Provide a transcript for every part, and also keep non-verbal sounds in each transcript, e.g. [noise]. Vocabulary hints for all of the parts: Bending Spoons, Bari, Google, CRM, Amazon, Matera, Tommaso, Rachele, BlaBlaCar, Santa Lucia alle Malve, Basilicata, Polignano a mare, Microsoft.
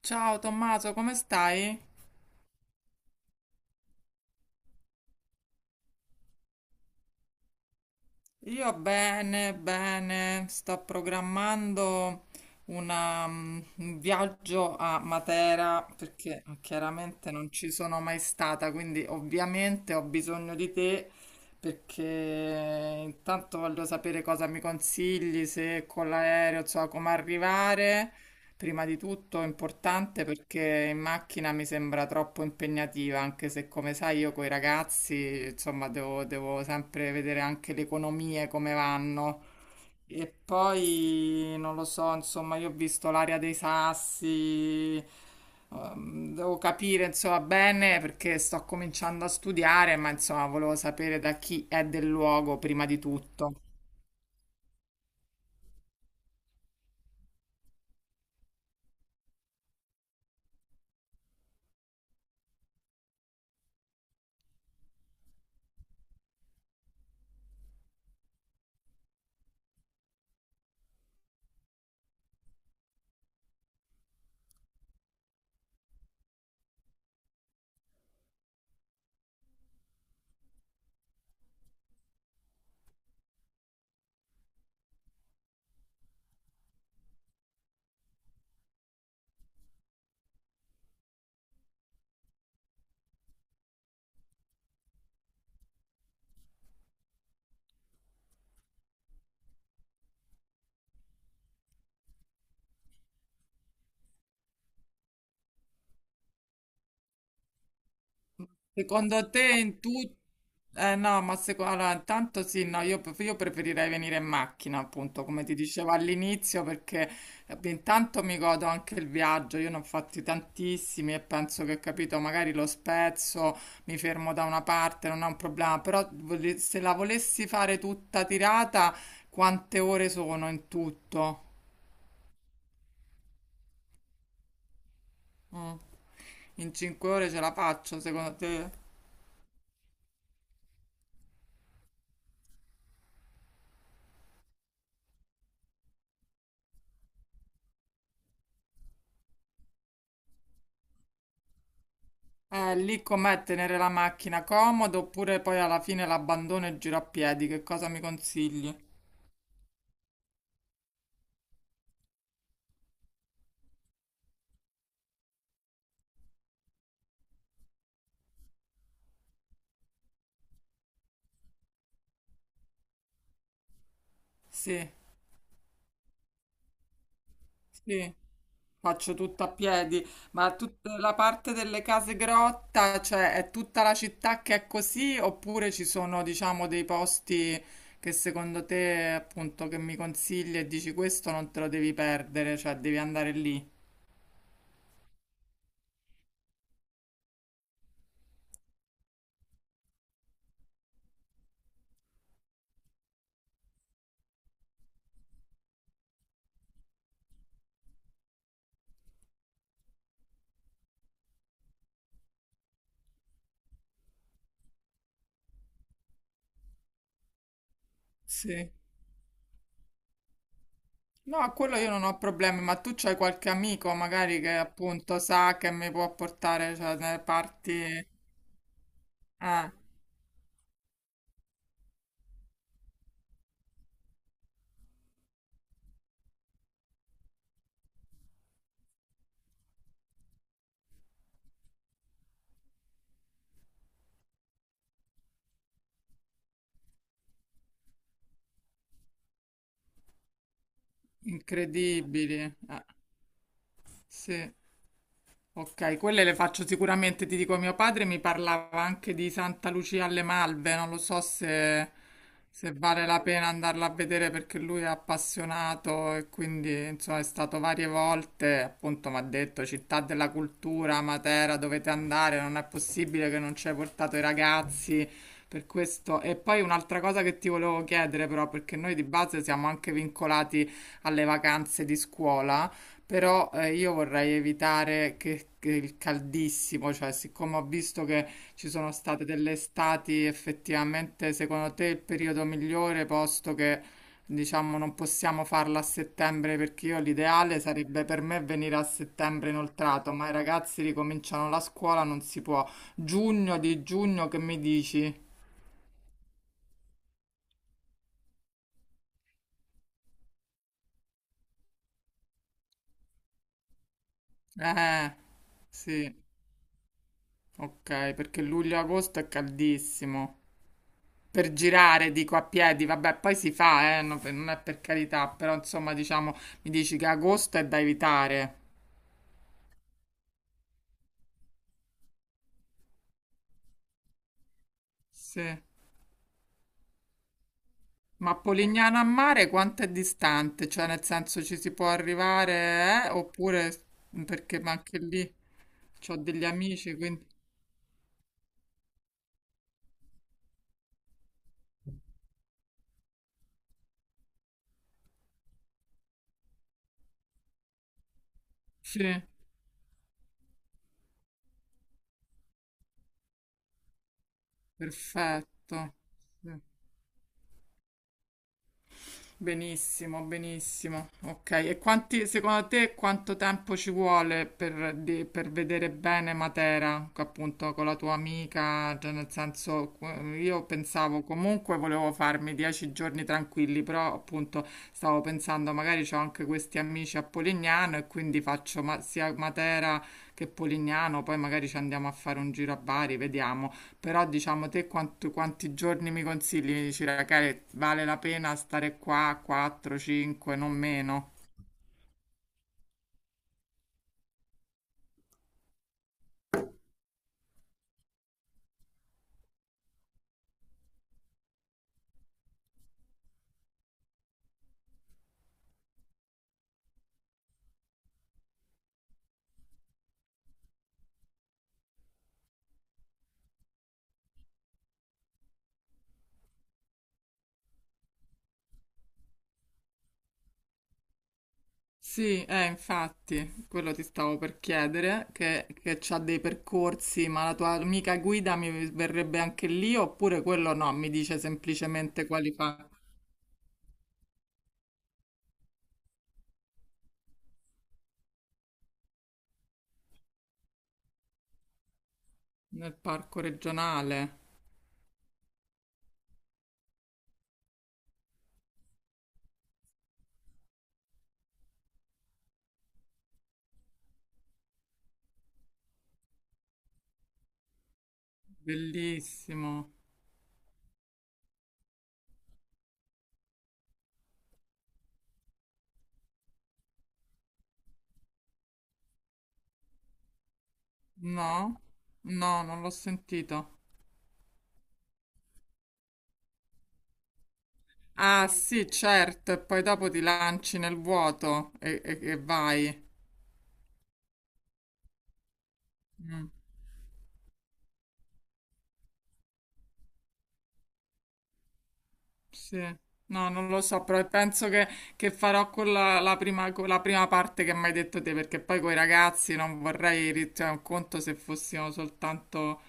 Ciao Tommaso, come stai? Io bene, bene, sto programmando una, un viaggio a Matera perché chiaramente non ci sono mai stata, quindi ovviamente ho bisogno di te perché intanto voglio sapere cosa mi consigli, se con l'aereo, insomma, come arrivare. Prima di tutto è importante perché in macchina mi sembra troppo impegnativa, anche se come sai io con i ragazzi, insomma, devo sempre vedere anche le economie come vanno. E poi non lo so, insomma, io ho visto l'area dei sassi, devo capire, insomma, bene perché sto cominciando a studiare, ma insomma, volevo sapere da chi è del luogo prima di tutto. Secondo te in tutto... Eh no, ma allora, intanto sì, no, io, io preferirei venire in macchina, appunto, come ti dicevo all'inizio, perché intanto mi godo anche il viaggio, io ne ho fatti tantissimi e penso che, capito, magari lo spezzo, mi fermo da una parte, non è un problema, però se la volessi fare tutta tirata, quante ore sono in tutto? Mm. In 5 ore ce la faccio, secondo te? Lì com'è tenere la macchina comodo oppure poi alla fine l'abbandono e giro a piedi? Che cosa mi consigli? Sì, sì, faccio tutta a piedi, ma tutta la parte delle case grotta, cioè è tutta la città che è così oppure ci sono, diciamo, dei posti che secondo te, appunto, che mi consigli e dici questo non te lo devi perdere, cioè devi andare lì? Sì. No, a quello io non ho problemi, ma tu c'hai qualche amico magari che appunto sa che mi può portare, cioè, nelle parti eh, incredibili. Eh, sì. Ok, quelle le faccio sicuramente, ti dico, mio padre mi parlava anche di Santa Lucia alle Malve, non lo so se, se vale la pena andarla a vedere perché lui è appassionato e quindi insomma è stato varie volte, appunto mi ha detto città della cultura, Matera, dovete andare, non è possibile che non ci hai portato i ragazzi per questo. E poi un'altra cosa che ti volevo chiedere però, perché noi di base siamo anche vincolati alle vacanze di scuola. Però io vorrei evitare che il caldissimo, cioè siccome ho visto che ci sono state delle estati, effettivamente secondo te il periodo migliore, posto che diciamo non possiamo farla a settembre, perché io l'ideale sarebbe per me venire a settembre inoltrato, ma i ragazzi ricominciano la scuola, non si può. Giugno di giugno, che mi dici? Eh, sì, ok, perché luglio-agosto e agosto è caldissimo. Per girare, dico a piedi, vabbè, poi si fa, non è per carità, però insomma, diciamo, mi dici che agosto è da evitare. Sì. Ma Polignano a mare quanto è distante? Cioè, nel senso ci si può arrivare, eh? Oppure perché ma anche lì ho degli amici, quindi sì, perfetto. Sì. Benissimo, benissimo. Ok, e quanti, secondo te quanto tempo ci vuole per, per vedere bene Matera, appunto con la tua amica? Cioè, nel senso, io pensavo comunque volevo farmi 10 giorni tranquilli, però appunto stavo pensando magari ho anche questi amici a Polignano e quindi faccio sia Matera che Polignano, poi magari ci andiamo a fare un giro a Bari, vediamo. Però diciamo te quanti giorni mi consigli? Mi dici, Rachele, vale la pena stare qua 4, 5, non meno? Sì, infatti, quello ti stavo per chiedere, che c'ha dei percorsi, ma la tua amica guida mi verrebbe anche lì oppure quello no, mi dice semplicemente quali fa nel parco regionale. Bellissimo. No? No, non l'ho sentito. Ah sì, certo, e poi dopo ti lanci nel vuoto e, e vai. Mm, sì. No, non lo so, però penso che farò quella, la prima, con la prima parte che mi hai detto te, perché poi con i ragazzi non vorrei, cioè, un conto se fossimo soltanto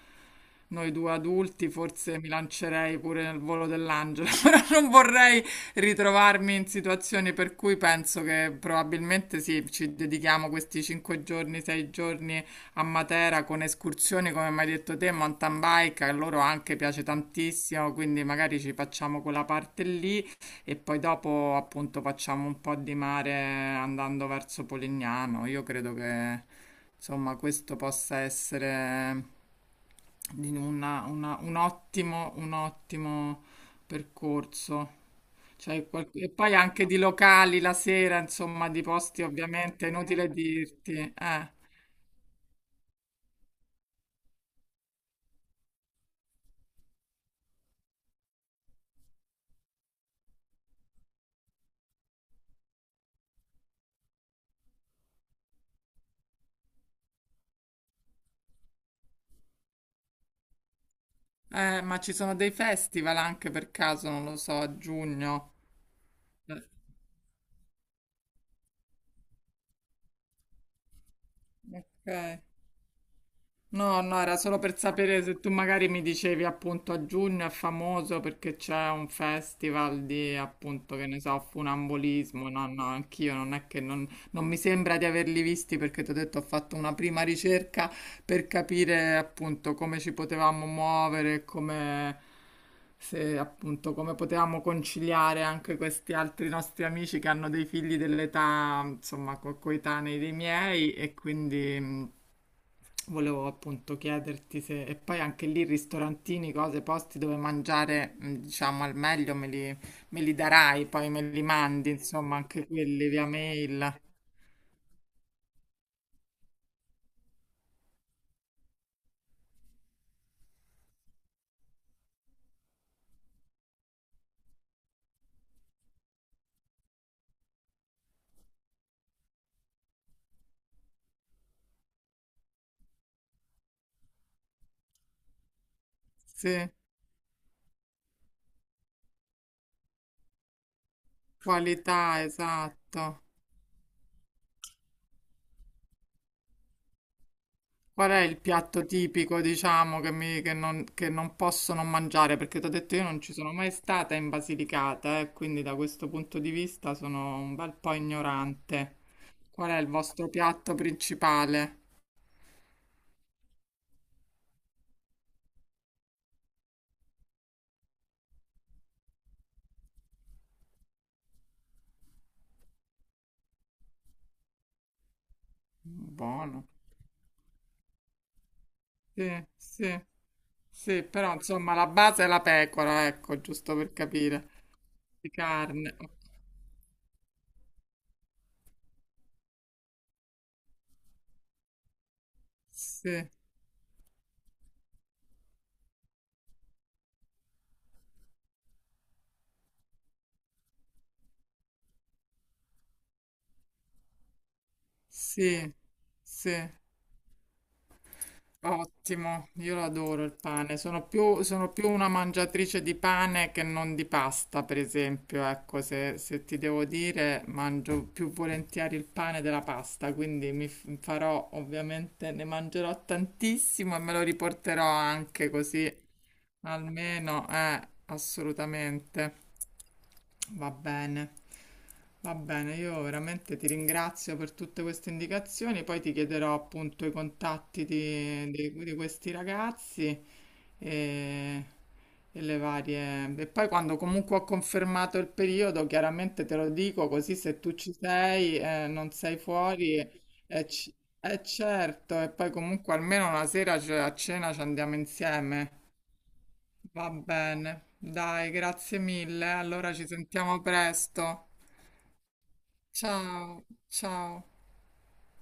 noi due adulti, forse mi lancerei pure nel volo dell'angelo, [laughs] però non vorrei ritrovarmi in situazioni per cui penso che probabilmente sì, ci dedichiamo questi 5 giorni, 6 giorni a Matera con escursioni, come mi hai detto te, mountain bike, a loro anche piace tantissimo, quindi magari ci facciamo quella parte lì e poi dopo appunto facciamo un po' di mare andando verso Polignano. Io credo che insomma questo possa essere di un ottimo percorso. Cioè, e poi anche di locali la sera, insomma, di posti ovviamente, è inutile dirti. Ma ci sono dei festival anche per caso, non lo so, a giugno. Eh, Ok. No, no, era solo per sapere se tu magari mi dicevi appunto a giugno è famoso perché c'è un festival di appunto che ne so, funambulismo. No, no, anch'io non è che non, non mi sembra di averli visti perché ti ho detto ho fatto una prima ricerca per capire appunto come ci potevamo muovere, come se appunto come potevamo conciliare anche questi altri nostri amici che hanno dei figli dell'età, insomma, coetanei dei miei e quindi volevo appunto chiederti se, e poi anche lì ristorantini, cose, posti dove mangiare, diciamo, al meglio me li darai, poi me li mandi, insomma, anche quelli via mail. Sì, qualità, esatto. Qual è il piatto tipico, diciamo, che, che non posso non mangiare? Perché ti ho detto io non ci sono mai stata in Basilicata, quindi da questo punto di vista sono un bel po' ignorante. Qual è il vostro piatto principale? Buono. Sì, sì, sì, però insomma la base è la pecora, ecco, giusto per capire. Di carne. Ok. Sì, sì, sì. Ottimo, io lo adoro il pane. Sono più una mangiatrice di pane che non di pasta, per esempio. Ecco, se, se ti devo dire, mangio più volentieri il pane della pasta, quindi farò ovviamente, ne mangerò tantissimo e me lo riporterò anche così, almeno, assolutamente. Va bene, va bene, io veramente ti ringrazio per tutte queste indicazioni, poi ti chiederò appunto i contatti di, di questi ragazzi e, e le varie... E poi quando comunque ho confermato il periodo, chiaramente te lo dico, così se tu ci sei, non sei fuori, è, certo, e poi comunque almeno una sera a cena ci andiamo insieme. Va bene, dai, grazie mille. Allora ci sentiamo presto. Ciao, ciao.